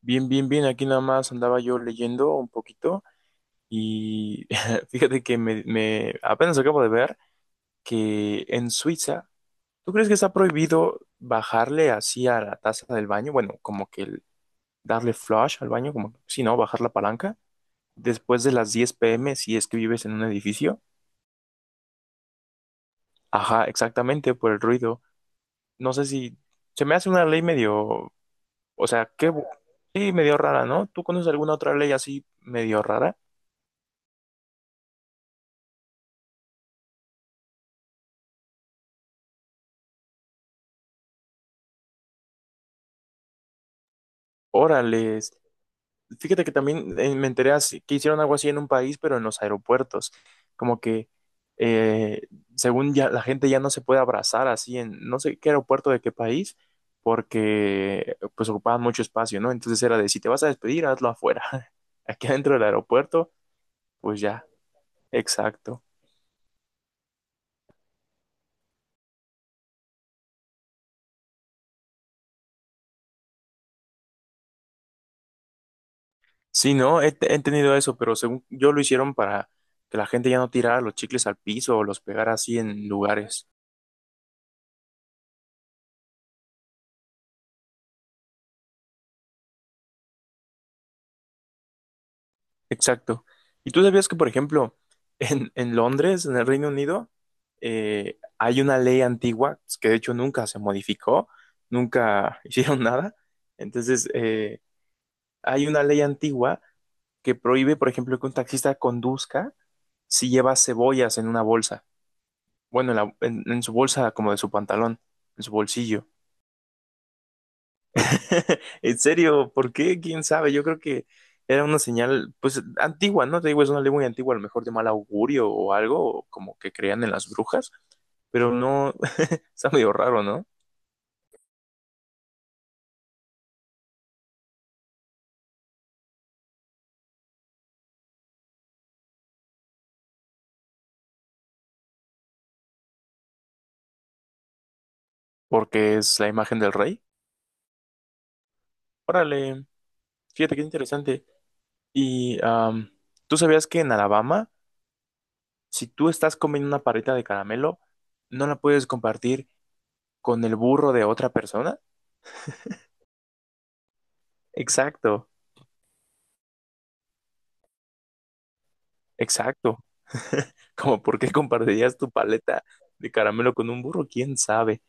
Bien, bien, bien. Aquí nada más andaba yo leyendo un poquito y fíjate que apenas acabo de ver que en Suiza, ¿tú crees que está prohibido bajarle así a la taza del baño? Bueno, como que darle flush al baño, como si no, bajar la palanca después de las 10 p. m. si es que vives en un edificio. Ajá, exactamente, por el ruido. No sé si se me hace una ley medio, o sea, sí, medio rara, ¿no? ¿Tú conoces alguna otra ley así medio rara? Órale, fíjate que también me enteré que hicieron algo así en un país, pero en los aeropuertos. Como que, eh, según ya la gente ya no se puede abrazar así en no sé qué aeropuerto de qué país, porque pues ocupaban mucho espacio, ¿no? Entonces era de si te vas a despedir, hazlo afuera. Aquí adentro del aeropuerto, pues ya, exacto. Sí, no, he entendido eso, pero según yo lo hicieron para que la gente ya no tirara los chicles al piso o los pegara así en lugares. Exacto. ¿Y tú sabías que, por ejemplo, en Londres, en el Reino Unido, hay una ley antigua pues, que de hecho nunca se modificó, nunca hicieron nada? Entonces, hay una ley antigua que prohíbe, por ejemplo, que un taxista conduzca si lleva cebollas en una bolsa, bueno, en su bolsa como de su pantalón, en su bolsillo. En serio, ¿por qué? ¿Quién sabe? Yo creo que era una señal, pues, antigua, ¿no? Te digo, es una ley muy antigua, a lo mejor de mal augurio o algo, o como que creían en las brujas, pero no, está medio raro, ¿no? Porque es la imagen del rey. Órale, fíjate qué interesante. Y tú sabías que en Alabama, si tú estás comiendo una parrita de caramelo, no la puedes compartir con el burro de otra persona. Exacto, exacto. Como por qué compartirías tu paleta de caramelo con un burro, quién sabe.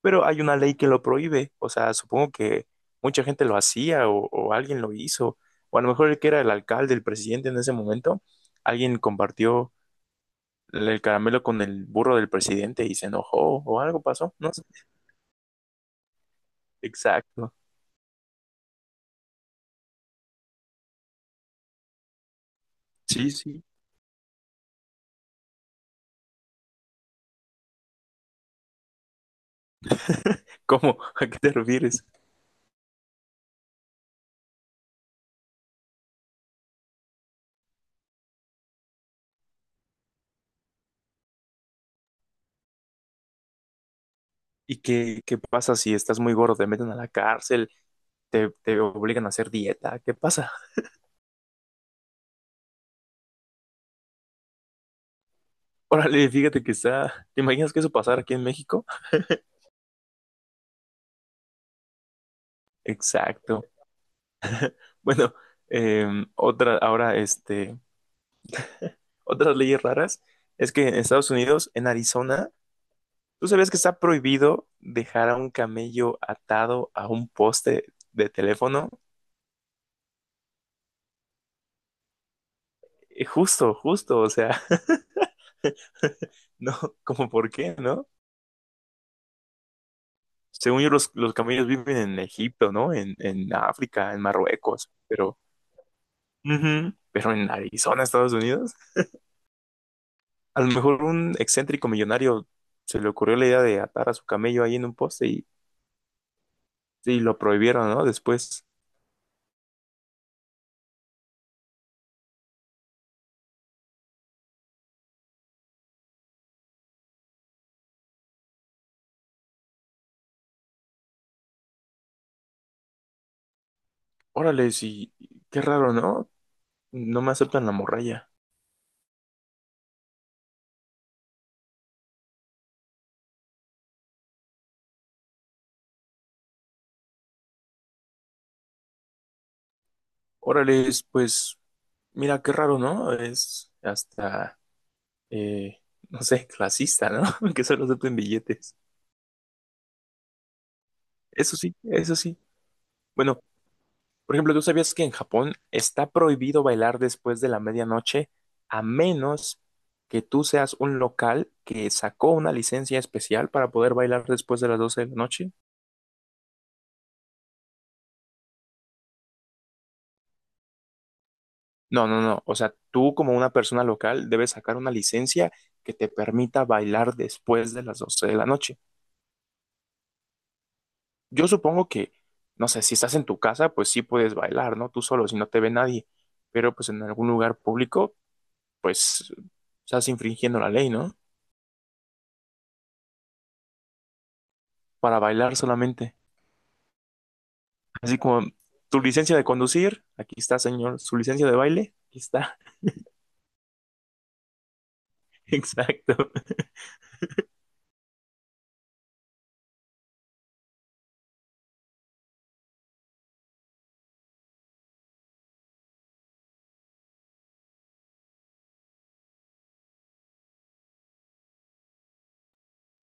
Pero hay una ley que lo prohíbe. O sea, supongo que mucha gente lo hacía o alguien lo hizo. O a lo mejor el que era el alcalde, el presidente en ese momento, alguien compartió el caramelo con el burro del presidente y se enojó o algo pasó. No sé. Exacto. Sí, sí. ¿Cómo? ¿A qué te refieres? ¿Y qué, qué pasa si estás muy gordo? ¿Te meten a la cárcel? ¿Te, te obligan a hacer dieta? ¿Qué pasa? Órale, fíjate que está. ¿Te imaginas que eso pasara aquí en México? Exacto. Bueno, otra, ahora, este, otras leyes raras es que en Estados Unidos, en Arizona, ¿tú sabías que está prohibido dejar a un camello atado a un poste de teléfono? Justo, justo, o sea, no, como por qué, ¿no? Según yo, los camellos viven en Egipto, ¿no? En África, en Marruecos, pero, ujú. Pero en Arizona, Estados Unidos. A lo mejor un excéntrico millonario se le ocurrió la idea de atar a su camello ahí en un poste y lo prohibieron, ¿no? Después, órale, sí, qué raro, ¿no? No me aceptan la morralla. Órale, pues, mira, qué raro, ¿no? Es hasta, eh, no sé, clasista, ¿no? Que solo acepten billetes. Eso sí, eso sí. Bueno, por ejemplo, ¿tú sabías que en Japón está prohibido bailar después de la medianoche a menos que tú seas un local que sacó una licencia especial para poder bailar después de las 12 de la noche? No, no, no. O sea, tú como una persona local debes sacar una licencia que te permita bailar después de las 12 de la noche. Yo supongo que, no sé, si estás en tu casa, pues sí puedes bailar, ¿no? Tú solo, si no te ve nadie. Pero pues en algún lugar público, pues estás infringiendo la ley, ¿no? Para bailar solamente. Así como tu licencia de conducir, aquí está, señor. Su licencia de baile, aquí está. Exacto.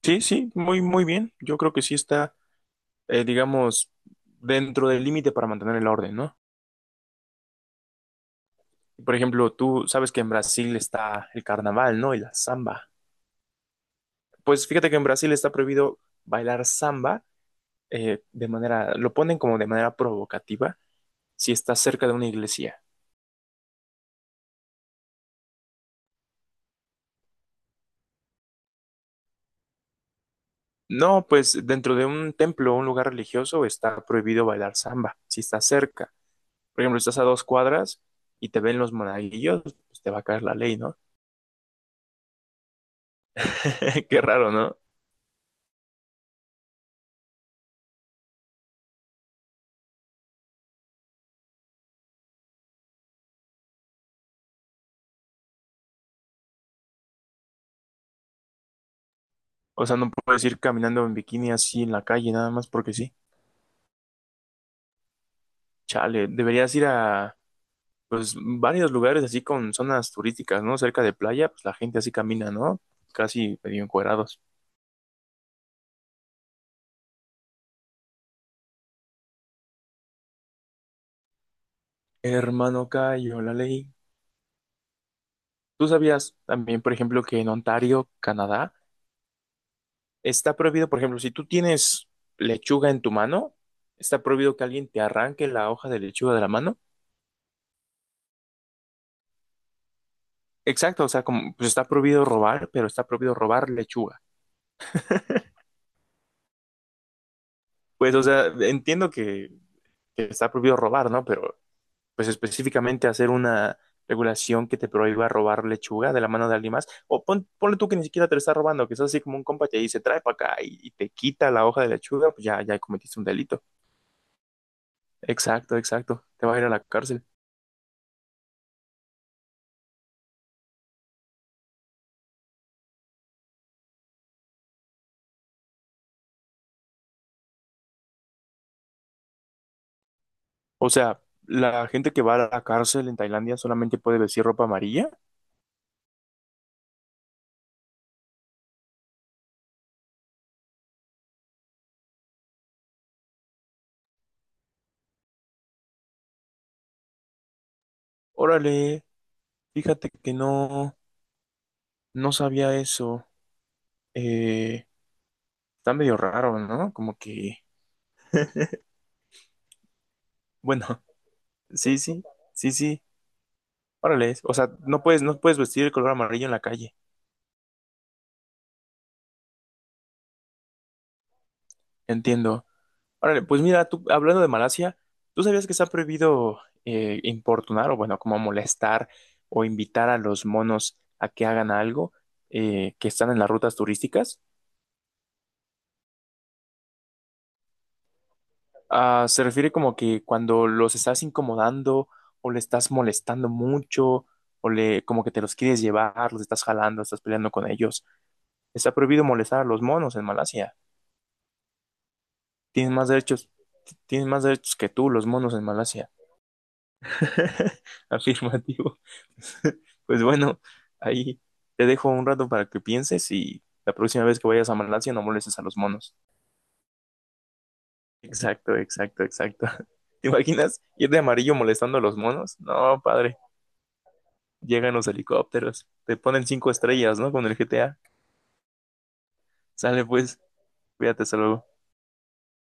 Sí, sí, muy, muy bien. Yo creo que sí está, digamos, dentro del límite para mantener el orden, ¿no? Por ejemplo, tú sabes que en Brasil está el carnaval, ¿no? Y la samba. Pues fíjate que en Brasil está prohibido bailar samba de manera, lo ponen como de manera provocativa si estás cerca de una iglesia. No, pues dentro de un templo o un lugar religioso está prohibido bailar samba si estás cerca. Por ejemplo, si estás a dos cuadras y te ven los monaguillos, pues te va a caer la ley, ¿no? Qué raro, ¿no? O sea, no puedes ir caminando en bikini así en la calle, nada más porque sí. Chale, deberías ir a, pues, varios lugares así con zonas turísticas, ¿no? Cerca de playa, pues la gente así camina, ¿no? Casi medio encuerados. Hermano, cayó la ley. ¿Tú sabías también, por ejemplo, que en Ontario, Canadá, está prohibido, por ejemplo, si tú tienes lechuga en tu mano, está prohibido que alguien te arranque la hoja de lechuga de la mano? Exacto, o sea, como pues está prohibido robar, pero está prohibido robar lechuga. Pues, o sea, entiendo que está prohibido robar, ¿no? Pero, pues específicamente hacer una regulación que te prohíba robar lechuga de la mano de alguien más, o ponle tú que ni siquiera te lo está robando, que es así como un compa te dice, trae para acá y te quita la hoja de lechuga, pues ya, ya cometiste un delito. Exacto, exacto, te vas a ir a la cárcel. O sea, la gente que va a la cárcel en Tailandia solamente puede vestir ropa amarilla. Órale, fíjate que no, no sabía eso. Eh, está medio raro, ¿no? Como que, bueno, sí, sí, sí, sí. Órale, o sea, no puedes, no puedes vestir el color amarillo en la calle. Entiendo. Órale, pues mira, tú, hablando de Malasia, ¿tú sabías que se ha prohibido importunar o, bueno, como molestar o invitar a los monos a que hagan algo que están en las rutas turísticas? Ah, se refiere como que cuando los estás incomodando o le estás molestando mucho o le, como que te los quieres llevar, los estás jalando, estás peleando con ellos. Está prohibido molestar a los monos en Malasia. Tienen más derechos, tienen más derechos que tú, los monos en Malasia. Afirmativo. Pues bueno, ahí te dejo un rato para que pienses y la próxima vez que vayas a Malasia no molestes a los monos. Exacto, exacto, exacto. ¿Te imaginas ir de amarillo molestando a los monos? No, padre. Llegan los helicópteros, te ponen cinco estrellas, ¿no? Con el GTA. Sale pues, cuídate, hasta luego.